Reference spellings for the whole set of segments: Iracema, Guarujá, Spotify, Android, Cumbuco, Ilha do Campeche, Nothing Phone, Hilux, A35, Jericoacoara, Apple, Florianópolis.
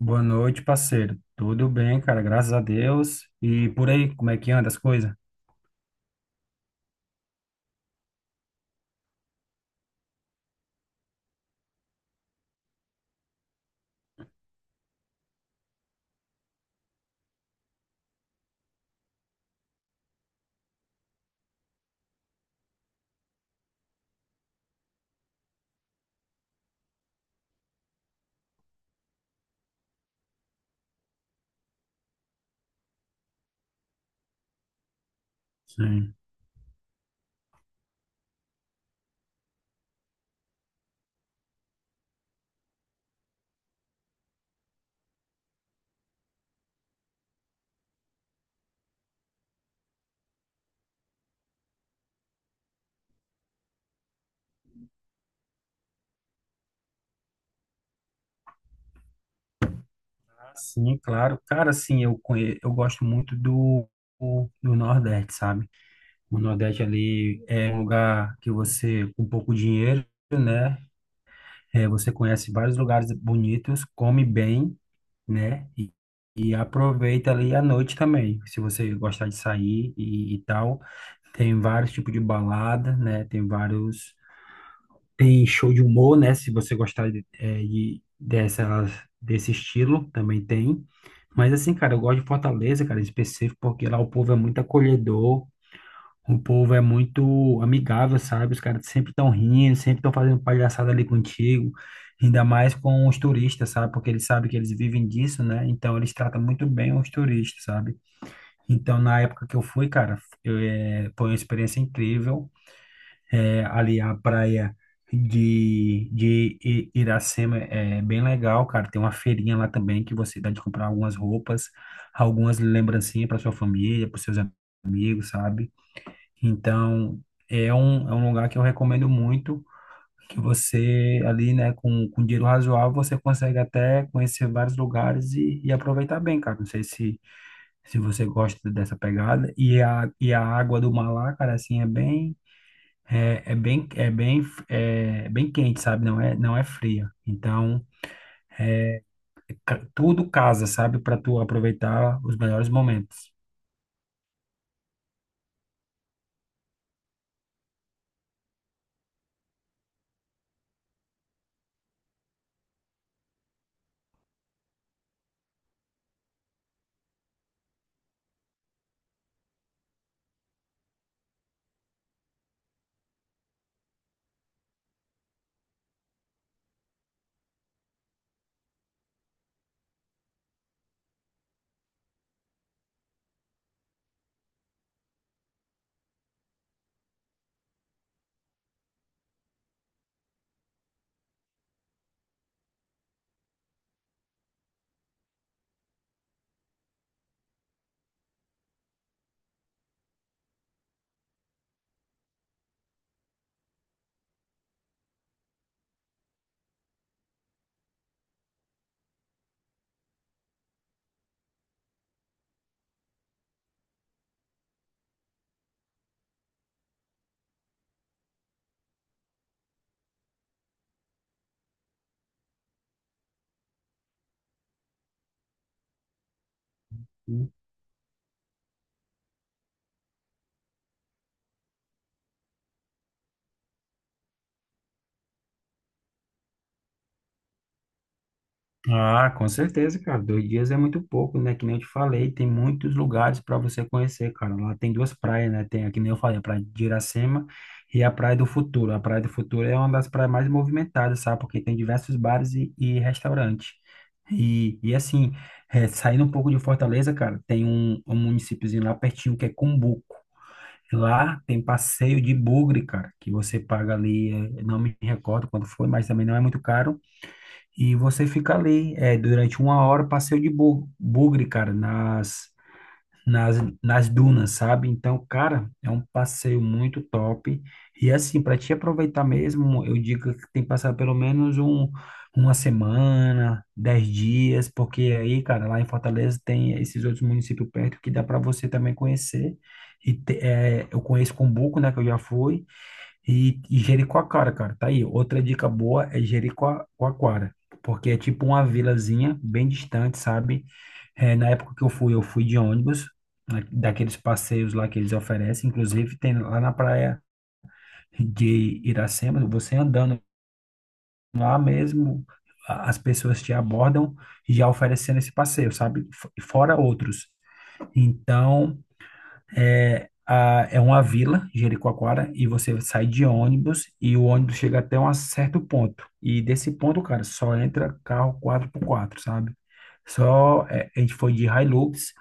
Boa noite, parceiro. Tudo bem, cara, graças a Deus. E por aí, como é que anda as coisas? Sim. Ah, sim, claro. Cara, sim, eu gosto muito do Nordeste, sabe? O Nordeste ali é um lugar que você, com pouco dinheiro, né? É, você conhece vários lugares bonitos, come bem, né? E aproveita ali a noite também, se você gostar de sair e tal. Tem vários tipos de balada, né? Tem vários. Tem show de humor, né? Se você gostar dessa, desse estilo, também tem. Mas assim, cara, eu gosto de Fortaleza, cara, em específico, porque lá o povo é muito acolhedor, o povo é muito amigável, sabe? Os caras sempre estão rindo, sempre estão fazendo palhaçada ali contigo, ainda mais com os turistas, sabe? Porque eles sabem que eles vivem disso, né? Então eles tratam muito bem os turistas, sabe? Então, na época que eu fui, cara, foi uma experiência incrível. É, ali a praia de Iracema é bem legal, cara. Tem uma feirinha lá também que você dá de comprar algumas roupas, algumas lembrancinhas para sua família, para seus amigos, sabe? Então, é um lugar que eu recomendo muito, que você ali, né, com dinheiro razoável, você consegue até conhecer vários lugares e aproveitar bem, cara. Não sei se você gosta dessa pegada. E a água do mar lá, cara, assim, é bem, é bem, é, bem quente, sabe? Não é, não é fria. Então, tudo casa, sabe? Para tu aproveitar os melhores momentos. Ah, com certeza, cara. 2 dias é muito pouco, né? Que nem eu te falei, tem muitos lugares para você conhecer, cara. Lá tem duas praias, né? Tem, que nem eu falei, a Praia de Iracema e a Praia do Futuro. A Praia do Futuro é uma das praias mais movimentadas, sabe? Porque tem diversos bares e restaurantes. E assim, saindo um pouco de Fortaleza, cara, tem um municípiozinho lá pertinho que é Cumbuco. Lá tem passeio de bugre, cara, que você paga ali, não me recordo quanto foi, mas também não é muito caro e você fica ali, durante uma hora, passeio de bugre, cara, nas, nas dunas, sabe? Então, cara, é um passeio muito top. E assim, para te aproveitar mesmo, eu digo que tem que passar pelo menos uma semana, 10 dias, porque aí, cara, lá em Fortaleza tem esses outros municípios perto que dá para você também conhecer. E eu conheço Cumbuco, né, que eu já fui. E Jericoacoara, cara, tá aí. Outra dica boa é Jericoacoara, porque é tipo uma vilazinha bem distante, sabe? É, na época que eu fui de ônibus, daqueles passeios lá que eles oferecem. Inclusive, tem lá na praia de Iracema, você andando lá mesmo, as pessoas te abordam já oferecendo esse passeio, sabe? Fora outros. Então. É, uma vila, Jericoacoara, e você sai de ônibus e o ônibus chega até um certo ponto. E desse ponto, cara, só entra carro quatro por quatro, sabe? A gente foi de Hilux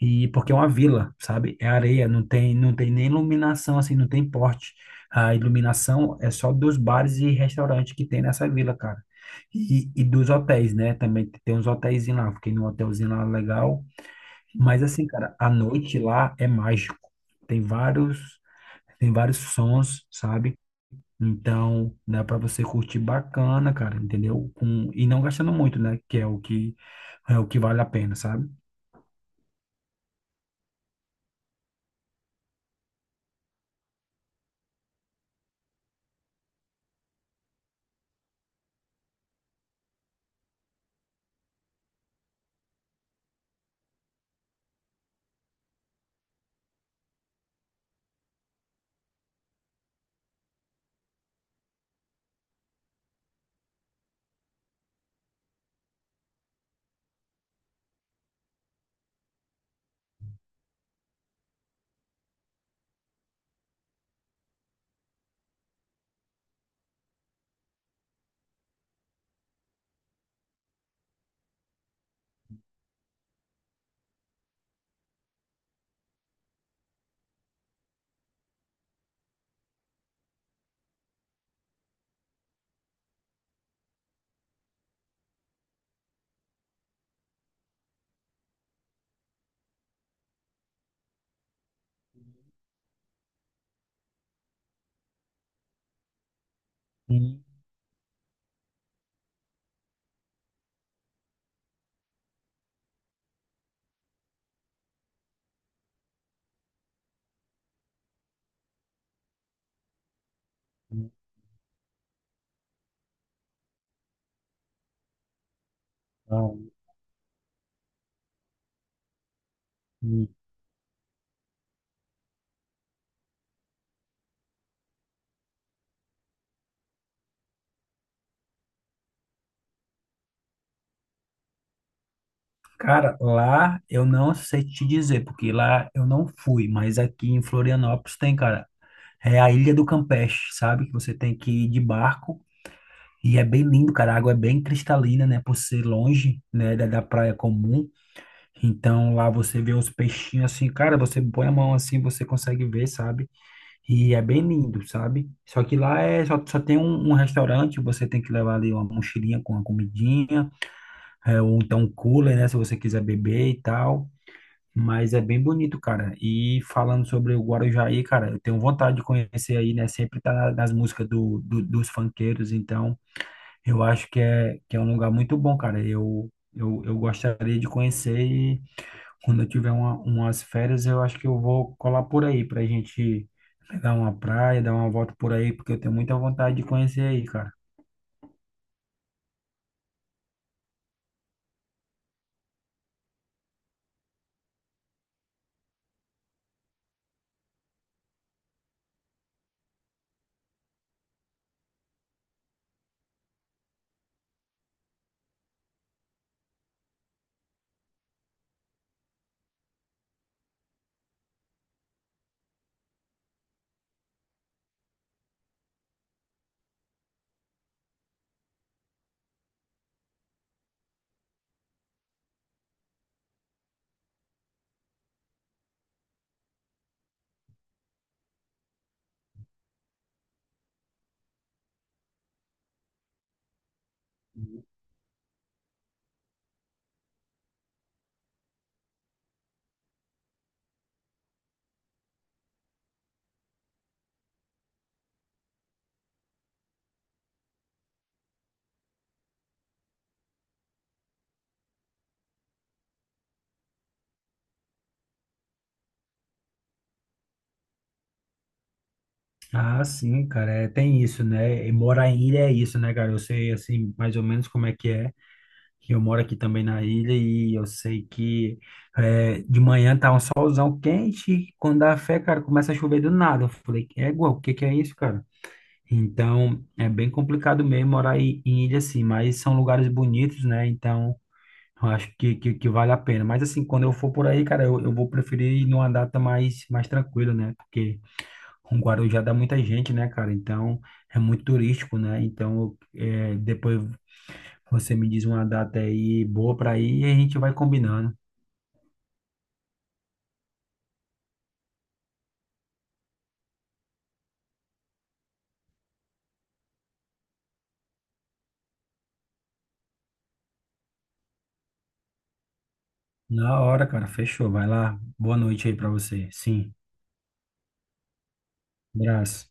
e porque é uma vila, sabe? É areia, não tem nem iluminação assim, não tem porte. A iluminação é só dos bares e restaurantes que tem nessa vila, cara. E dos hotéis, né? Também tem uns hotéis lá. Fiquei num hotelzinho lá, é legal, mas assim, cara, a noite lá é mágico. Tem vários, Tem vários sons, sabe? Então, dá para você curtir bacana, cara, entendeu? E não gastando muito, né? Que é o que vale a pena, sabe? Sim. Não. Cara, lá eu não sei te dizer, porque lá eu não fui, mas aqui em Florianópolis tem, cara. É a Ilha do Campeche, sabe? Que você tem que ir de barco e é bem lindo, cara. A água é bem cristalina, né? Por ser longe, né? Da praia comum. Então lá você vê os peixinhos assim, cara. Você põe a mão assim, você consegue ver, sabe? E é bem lindo, sabe? Só que lá é só tem um restaurante, você tem que levar ali uma mochilinha com uma comidinha, é, ou então um cooler, né? Se você quiser beber e tal. Mas é bem bonito, cara. E falando sobre o Guarujá, cara, eu tenho vontade de conhecer aí, né? Sempre tá nas músicas dos funkeiros, então eu acho que é, um lugar muito bom, cara. Eu gostaria de conhecer e quando eu tiver umas férias, eu acho que eu vou colar por aí pra gente pegar uma praia, dar uma volta por aí, porque eu tenho muita vontade de conhecer aí, cara. Ah, sim, cara, é, tem isso, né? E morar em ilha é isso, né, cara? Eu sei, assim, mais ou menos como é. Que Eu moro aqui também na ilha e eu sei que é, de manhã tá um solzão quente e quando dá fé, cara, começa a chover do nada. Eu falei, égua, o que que é isso, cara? Então, é bem complicado mesmo morar em ilha assim, mas são lugares bonitos, né? Então, eu acho que vale a pena. Mas assim, quando eu for por aí, cara, eu vou preferir ir numa data mais tranquila, né? Porque o Guarujá dá muita gente, né, cara? Então, é muito turístico, né? Então, depois você me diz uma data aí boa pra ir e a gente vai combinando. Na hora, cara, fechou. Vai lá. Boa noite aí pra você. Sim. Abraço.